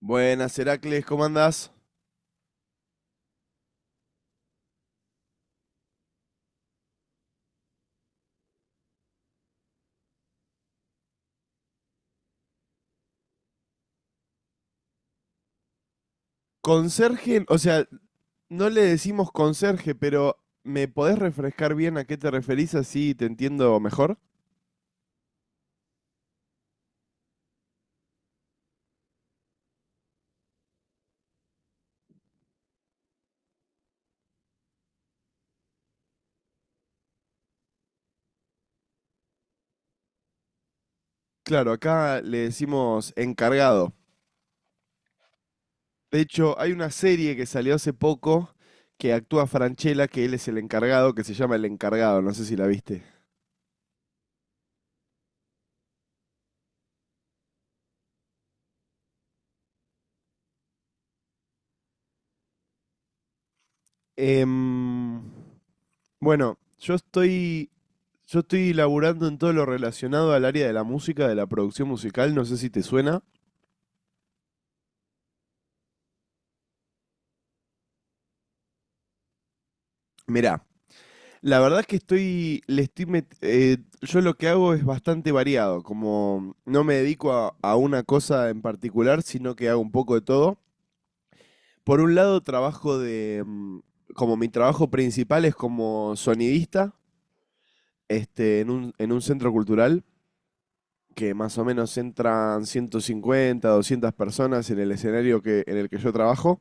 Buenas, Heracles, ¿cómo andás? Conserje, o sea, no le decimos conserje, pero ¿me podés refrescar bien a qué te referís así te entiendo mejor? Claro, acá le decimos encargado. De hecho, hay una serie que salió hace poco que actúa Franchella, que él es el encargado, que se llama El Encargado, no sé si la viste. Em, bueno, yo estoy laburando en todo lo relacionado al área de la música, de la producción musical, no sé si te suena. Mirá, la verdad es que estoy, le estoy met- yo lo que hago es bastante variado, como no me dedico a una cosa en particular, sino que hago un poco de todo. Por un lado, como mi trabajo principal es como sonidista, este, en en un centro cultural, que más o menos entran 150, 200 personas en el escenario en el que yo trabajo,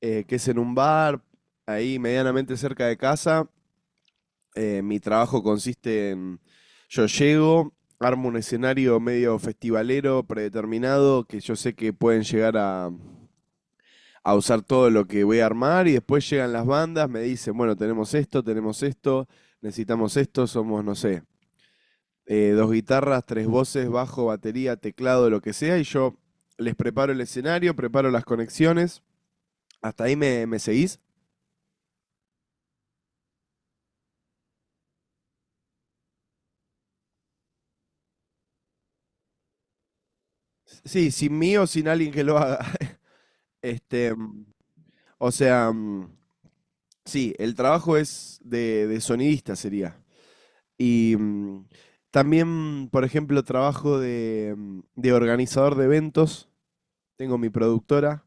que es en un bar, ahí medianamente cerca de casa. Mi trabajo consiste en, yo llego, armo un escenario medio festivalero, predeterminado, que yo sé que pueden llegar a usar todo lo que voy a armar. Y después llegan las bandas, me dicen, bueno, tenemos esto, necesitamos esto, somos, no sé, dos guitarras, tres voces, bajo, batería, teclado, lo que sea, y yo les preparo el escenario, preparo las conexiones. ¿Hasta ahí me seguís? Sí, sin mí o sin alguien que lo haga. Este, o sea, sí, el trabajo es de sonidista sería. Y también, por ejemplo, trabajo de organizador de eventos. Tengo mi productora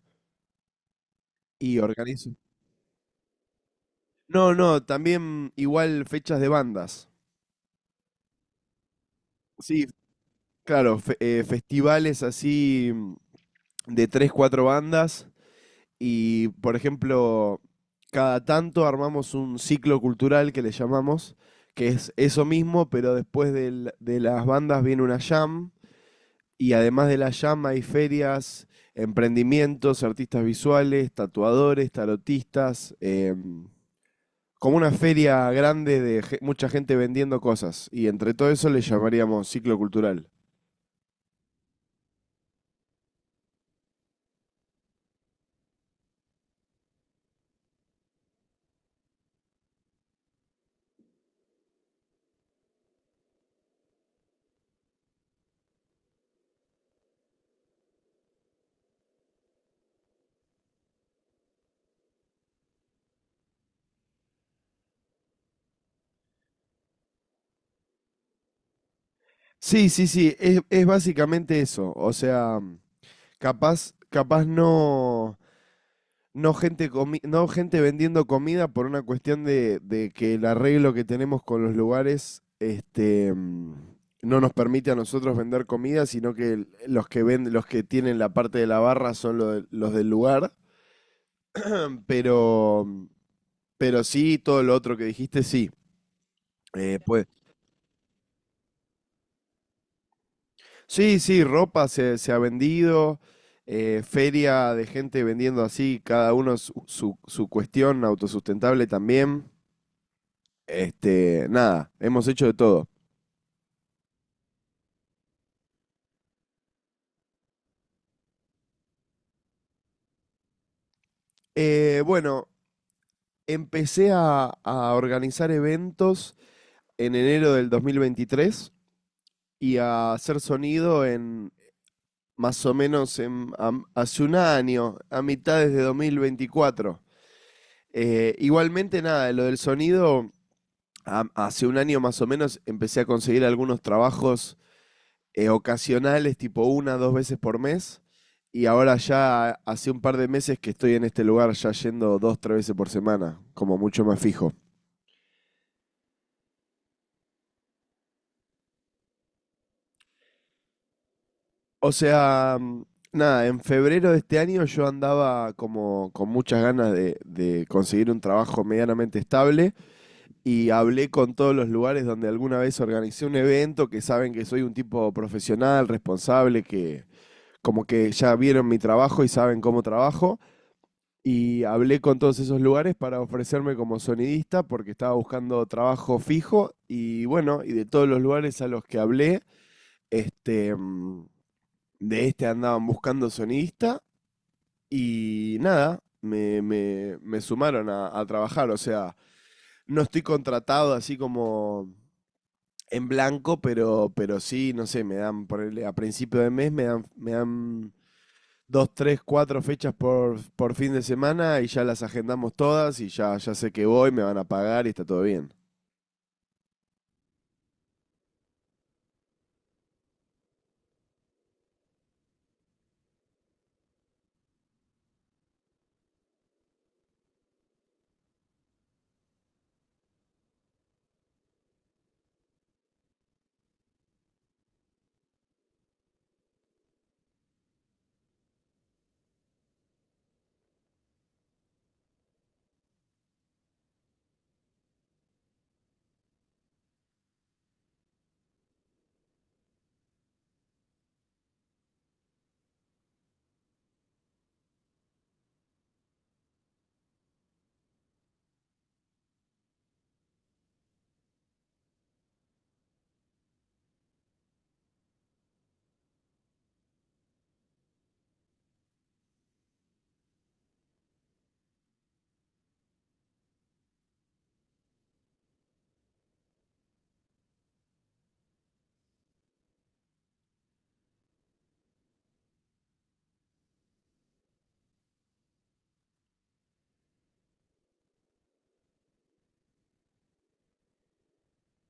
y organizo. No, no, también igual fechas de bandas. Sí, claro, festivales así, de tres, cuatro bandas. Y, por ejemplo, cada tanto armamos un ciclo cultural que le llamamos, que es eso mismo, pero de las bandas viene una jam. Y además de la llama, hay ferias, emprendimientos, artistas visuales, tatuadores, tarotistas. Como una feria grande de mucha gente vendiendo cosas. Y entre todo eso le llamaríamos ciclo cultural. Sí, sí, sí, es básicamente eso. O sea, capaz no. No gente vendiendo comida por una cuestión de que el arreglo que tenemos con los lugares, este, no nos permite a nosotros vender comida, sino que los que venden, los que tienen la parte de la barra son los del lugar. Pero, pero sí, todo lo otro que dijiste, sí. Eh, pues, sí, sí, ropa se ha vendido, feria de gente vendiendo así, cada uno su cuestión autosustentable también. Este, nada, hemos hecho de todo. Bueno, empecé a organizar eventos en enero del 2023, y a hacer sonido en más o menos hace un año, a mitades de 2024. Igualmente, nada, lo del sonido, hace un año más o menos empecé a conseguir algunos trabajos, ocasionales, tipo una, dos veces por mes. Y ahora ya hace un par de meses que estoy en este lugar, ya yendo dos, tres veces por semana, como mucho más fijo. O sea, nada, en febrero de este año yo andaba como con muchas ganas de conseguir un trabajo medianamente estable, y hablé con todos los lugares donde alguna vez organicé un evento, que saben que soy un tipo profesional, responsable, que como que ya vieron mi trabajo y saben cómo trabajo. Y hablé con todos esos lugares para ofrecerme como sonidista porque estaba buscando trabajo fijo. Y bueno, y de todos los lugares a los que hablé, este, de este andaban buscando sonidista, y nada, me sumaron a trabajar. O sea, no estoy contratado así como en blanco, pero sí, no sé, me dan, ponerle, a principio de mes me dan dos, tres, cuatro fechas por fin de semana, y ya las agendamos todas, y ya, ya sé que voy, me van a pagar y está todo bien.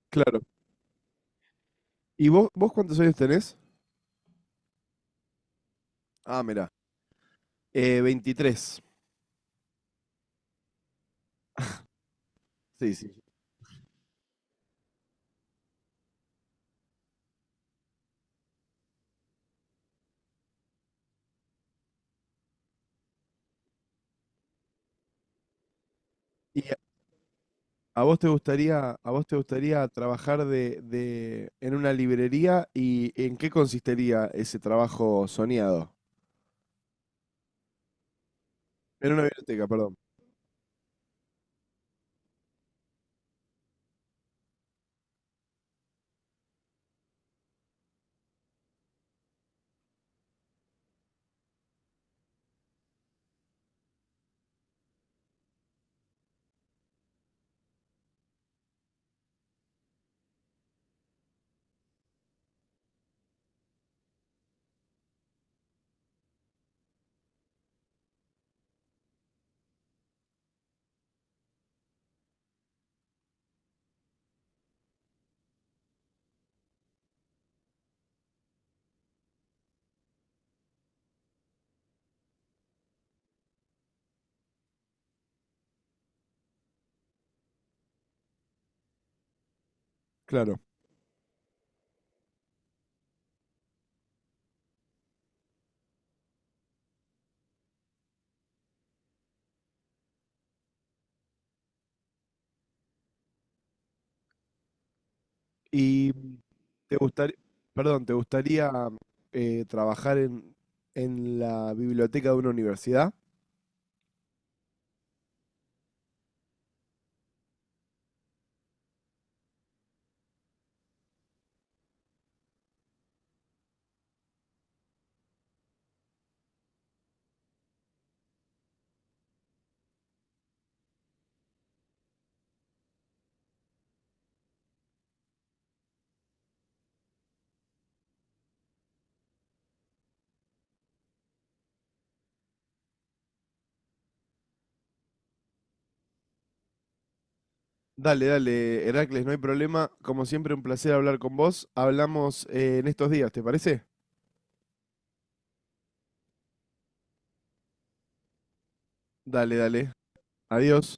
Claro. ¿Y vos cuántos años tenés? Ah, mirá. 23. Sí, sí. ¿Y a vos te gustaría trabajar en una librería, y en qué consistiría ese trabajo soñado? En una biblioteca, perdón. Claro. ¿Y te gustaría, te gustaría trabajar en la biblioteca de una universidad? Dale, dale, Heracles, no hay problema. Como siempre, un placer hablar con vos. Hablamos, en estos días, ¿te parece? Dale, dale. Adiós.